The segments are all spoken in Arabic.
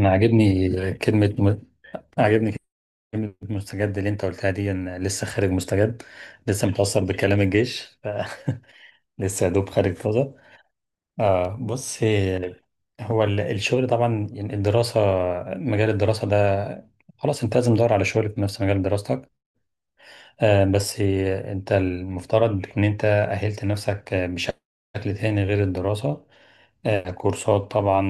انا عاجبني عاجبني كلمه مستجد اللي انت قلتها دي، إن لسه خارج مستجد. لسه متاثر بكلام الجيش. لسه يا دوب خارج طازه. بص، هو الشغل طبعا، يعني الدراسه، مجال الدراسه ده خلاص انت لازم تدور على شغل في نفس مجال دراستك. بس انت المفترض ان انت اهلت نفسك بشكل تاني غير الدراسه. كورسات طبعا،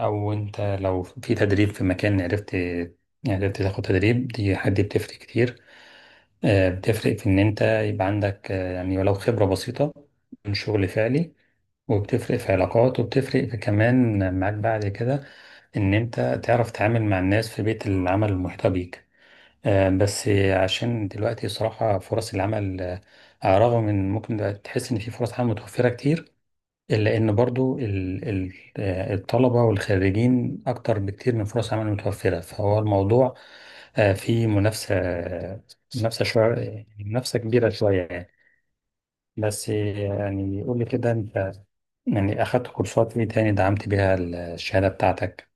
او انت لو في تدريب في مكان، عرفت يعني، عرفت تاخد تدريب، دي حد بتفرق كتير. بتفرق في ان انت يبقى عندك يعني ولو خبرة بسيطة من شغل فعلي، وبتفرق في علاقات، وبتفرق في كمان معاك بعد كده ان انت تعرف تتعامل مع الناس في بيئة العمل المحيطة بيك. بس عشان دلوقتي صراحة فرص العمل، رغم ان ممكن تحس ان في فرص عمل متوفرة كتير، لأن برضو الطلبة والخريجين أكتر بكتير من فرص عمل متوفرة، فهو الموضوع فيه منافسة. منافسة شوية، يعني منافسة كبيرة شوية يعني. بس يعني قول لي كده، أنت يعني أخدت كورسات إيه تاني دعمت بيها الشهادة بتاعتك؟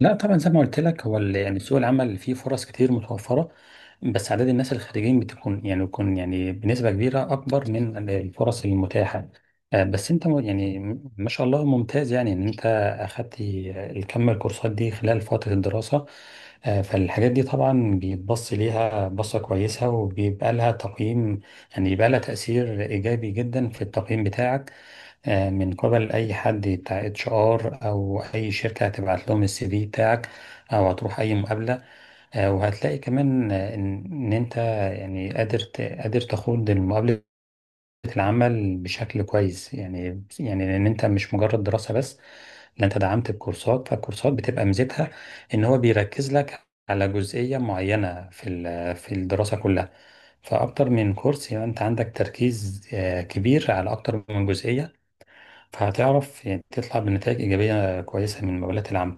لا طبعا، زي ما قلت لك، هو يعني سوق العمل فيه فرص كتير متوفرة، بس عدد الناس الخريجين بتكون يعني بيكون يعني بنسبة كبيرة أكبر من الفرص المتاحة. بس أنت ما شاء الله ممتاز، يعني إن أنت أخدت الكم الكورسات دي خلال فترة الدراسة. فالحاجات دي طبعا بيتبص ليها بصة كويسة، وبيبقى لها تقييم، يعني بيبقى لها تأثير إيجابي جدا في التقييم بتاعك. من قبل اي حد بتاع اتش ار، او اي شركه هتبعت لهم السي في بتاعك، او هتروح اي مقابله. وهتلاقي كمان آه، ان إن انت يعني قادر قادر تخوض مقابله العمل بشكل كويس يعني، يعني لان انت مش مجرد دراسه بس، لا انت دعمت بكورسات. فالكورسات بتبقى ميزتها ان هو بيركز لك على جزئيه معينه في في الدراسه كلها، فاكتر من كورس يبقى انت عندك تركيز كبير على اكتر من جزئيه، فهتعرف يعني تطلع بنتائج إيجابية كويسة من مقابلات العمل.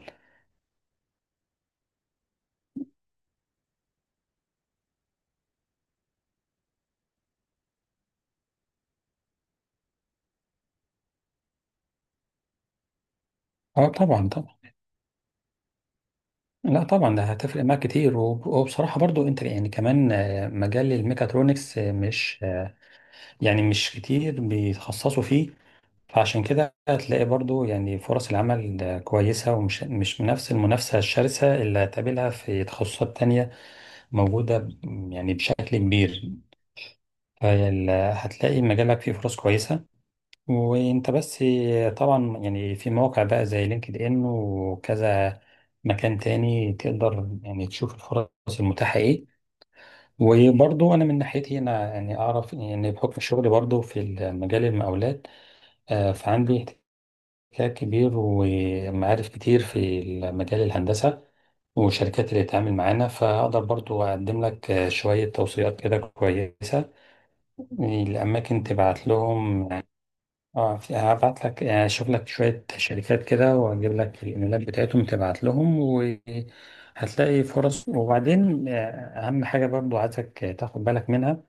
اه طبعا طبعا. لا طبعا ده هتفرق معاك كتير، وبصراحة برضو انت يعني كمان مجال الميكاترونكس آه، مش آه، يعني مش كتير بيتخصصوا فيه. فعشان كده هتلاقي برضو يعني فرص العمل كويسة، ومش مش نفس المنافسة الشرسة اللي هتقابلها في تخصصات تانية موجودة يعني بشكل كبير. فهتلاقي مجالك فيه فرص كويسة، وانت بس طبعا، يعني في مواقع بقى زي لينكد ان وكذا مكان تاني تقدر يعني تشوف الفرص المتاحة ايه. وبرضو انا من ناحيتي انا يعني اعرف يعني بحكم شغلي برضو في مجال المقاولات، فعندي احتكاك كبير ومعارف كتير في مجال الهندسة والشركات اللي بتتعامل معانا، فهقدر برضو أقدم لك شوية توصيات كده كويسة الأماكن تبعت لهم. اه هبعت لك يعني، اشوف لك شوية شركات كده واجيب لك الايميلات بتاعتهم تبعت لهم، وهتلاقي فرص. وبعدين اهم حاجة برضو عايزك تاخد بالك منها،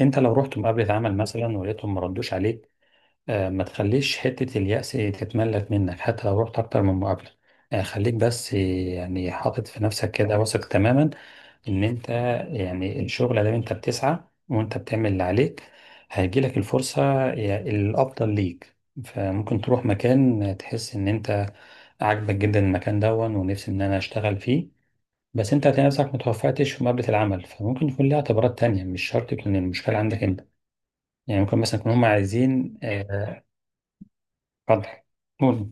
انت لو رحت مقابلة عمل مثلا ولقيتهم ما ردوش عليك، ما تخليش حتة اليأس تتملك منك، حتى لو رحت أكتر من مقابلة. خليك بس يعني حاطط في نفسك كده واثق تماما إن أنت يعني الشغل ده أنت بتسعى، وأنت بتعمل اللي عليك، هيجيلك الفرصة الأفضل ليك. فممكن تروح مكان تحس إن أنت عاجبك جدا المكان دون، ونفسي إن أنا أشتغل فيه، بس أنت هتلاقي نفسك متوفقتش في مقابلة العمل، فممكن يكون ليها اعتبارات تانية، مش شرط تكون المشكلة عندك أنت. يعني ممكن مثلا يكون هم عايزين اتفضل، قول.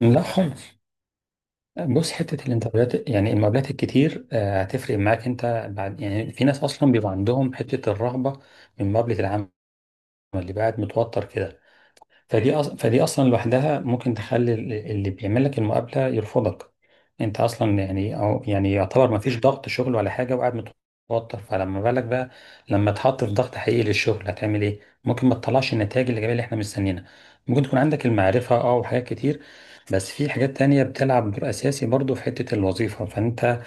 لا خالص. بص، حته الانترفيوهات يعني المقابلات الكتير هتفرق معاك انت بعد يعني. في ناس اصلا بيبقى عندهم حته الرهبه من مقابله العمل، اللي بقى قاعد متوتر كده. فدي اصلا لوحدها ممكن تخلي اللي بيعمل لك المقابله يرفضك. انت اصلا يعني، أو يعني يعتبر ما فيش ضغط شغل ولا حاجه وقاعد متوتر، فلما بالك بقى لما تحط في ضغط حقيقي للشغل، هتعمل ايه؟ ممكن ما تطلعش النتائج الايجابيه اللي احنا مستنيينها. ممكن تكون عندك المعرفه اه وحاجات كتير، بس في حاجات تانية بتلعب دور أساسي برضو في حتة الوظيفة. فأنت آه،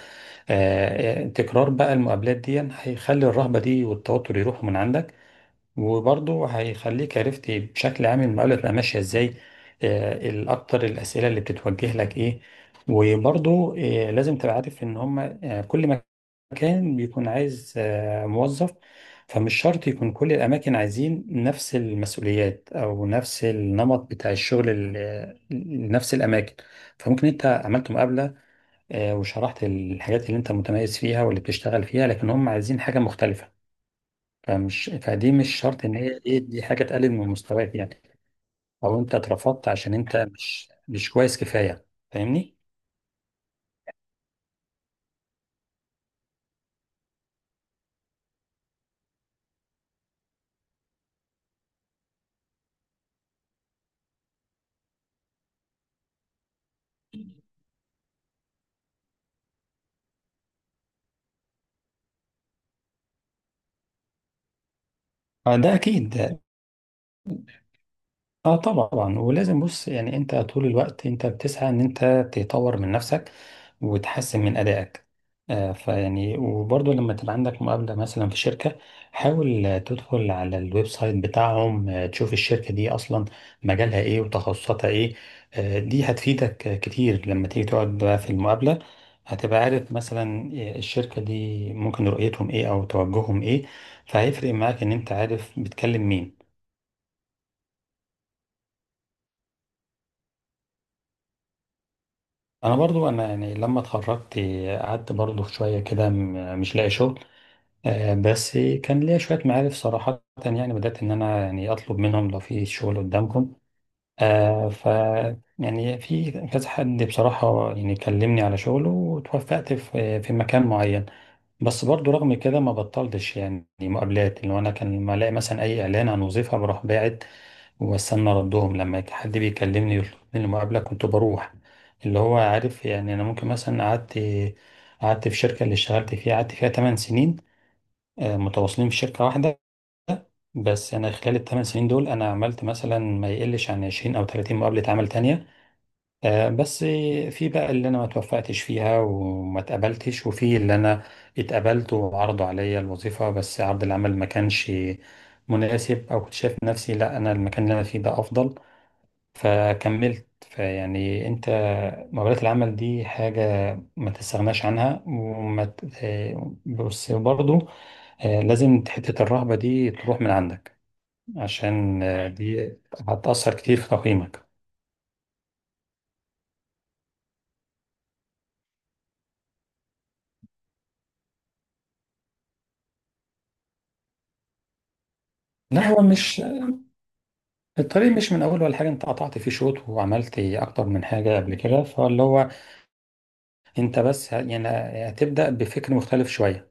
آه، تكرار بقى المقابلات دي هيخلي الرهبة دي والتوتر يروحوا من عندك، وبرضه هيخليك عرفت بشكل عام المقابلة تبقى ماشية ازاي. الأكتر الأسئلة اللي بتتوجه لك ايه. وبرضه لازم تبقى عارف إن هما كل مكان بيكون عايز موظف. فمش شرط يكون كل الأماكن عايزين نفس المسؤوليات أو نفس النمط بتاع الشغل لنفس الأماكن. فممكن أنت عملت مقابلة وشرحت الحاجات اللي أنت متميز فيها واللي بتشتغل فيها، لكن هم عايزين حاجة مختلفة. فمش فدي مش شرط ان هي ايه، دي حاجه تقلل من مستواك يعني، او انت اترفضت عشان انت مش كويس كفايه. فاهمني؟ فده اكيد. اه طبعا، ولازم، بص يعني انت طول الوقت انت بتسعى ان انت تطور من نفسك وتحسن من ادائك. آه فيعني وبرضه لما تبقى عندك مقابلة مثلا في شركة، حاول تدخل على الويب سايت بتاعهم، تشوف الشركة دي اصلا مجالها ايه وتخصصاتها ايه. آه دي هتفيدك كتير لما تيجي تقعد بقى في المقابلة. هتبقى عارف مثلا الشركة دي ممكن رؤيتهم ايه او توجههم ايه. فهيفرق معاك ان انت عارف بتكلم مين. انا برضو انا يعني لما اتخرجت، قعدت برضو شويه كده مش لاقي شغل. بس كان ليا شويه معارف صراحه يعني، بدات ان انا يعني اطلب منهم لو في شغل قدامكم. آه، ف يعني في كذا حد بصراحه يعني كلمني على شغله، وتوفقت في مكان معين. بس برضو رغم كده ما بطلتش يعني مقابلات، اللي هو انا كان لما الاقي مثلا اي اعلان عن وظيفه بروح باعت، واستنى ردهم. لما حد بيكلمني يطلب مني المقابله كنت بروح. اللي هو عارف يعني انا ممكن مثلا قعدت في شركه اللي اشتغلت فيها، قعدت فيها 8 سنين، متواصلين في شركه واحده. بس انا خلال الثمان سنين دول انا عملت مثلا ما يقلش عن 20 او 30 مقابله عمل تانية. آه، بس في بقى اللي انا ما توفقتش فيها وما اتقبلتش، وفي اللي انا اتقبلت وعرضوا عليا الوظيفة، بس عرض العمل ما كانش مناسب، او كنت شايف نفسي لا انا المكان اللي انا فيه ده افضل، فكملت. فيعني انت مقابلات العمل دي حاجة ما تستغناش عنها وما بس برضو لازم حتة الرهبة دي تروح من عندك، عشان دي هتأثر كتير في تقييمك. لا هو مش، الطريق مش من اول ولا حاجه، انت قطعت فيه شوط وعملت اكتر من حاجه قبل كده، فاللي هو انت بس يعني هتبدا بفكر مختلف شويه.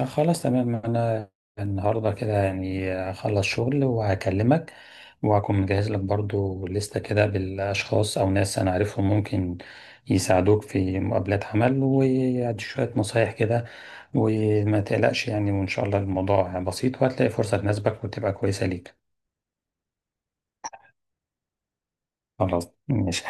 آه خلاص تمام، انا النهارده كده يعني اخلص شغل وهكلمك، وهكون مجهز لك برضو لستة كده بالاشخاص او ناس انا عارفهم ممكن يساعدوك في مقابلات عمل، وادي شويه نصايح كده. وما تقلقش يعني، وان شاء الله الموضوع بسيط، وهتلاقي فرصه تناسبك وتبقى كويسه ليك. خلاص مش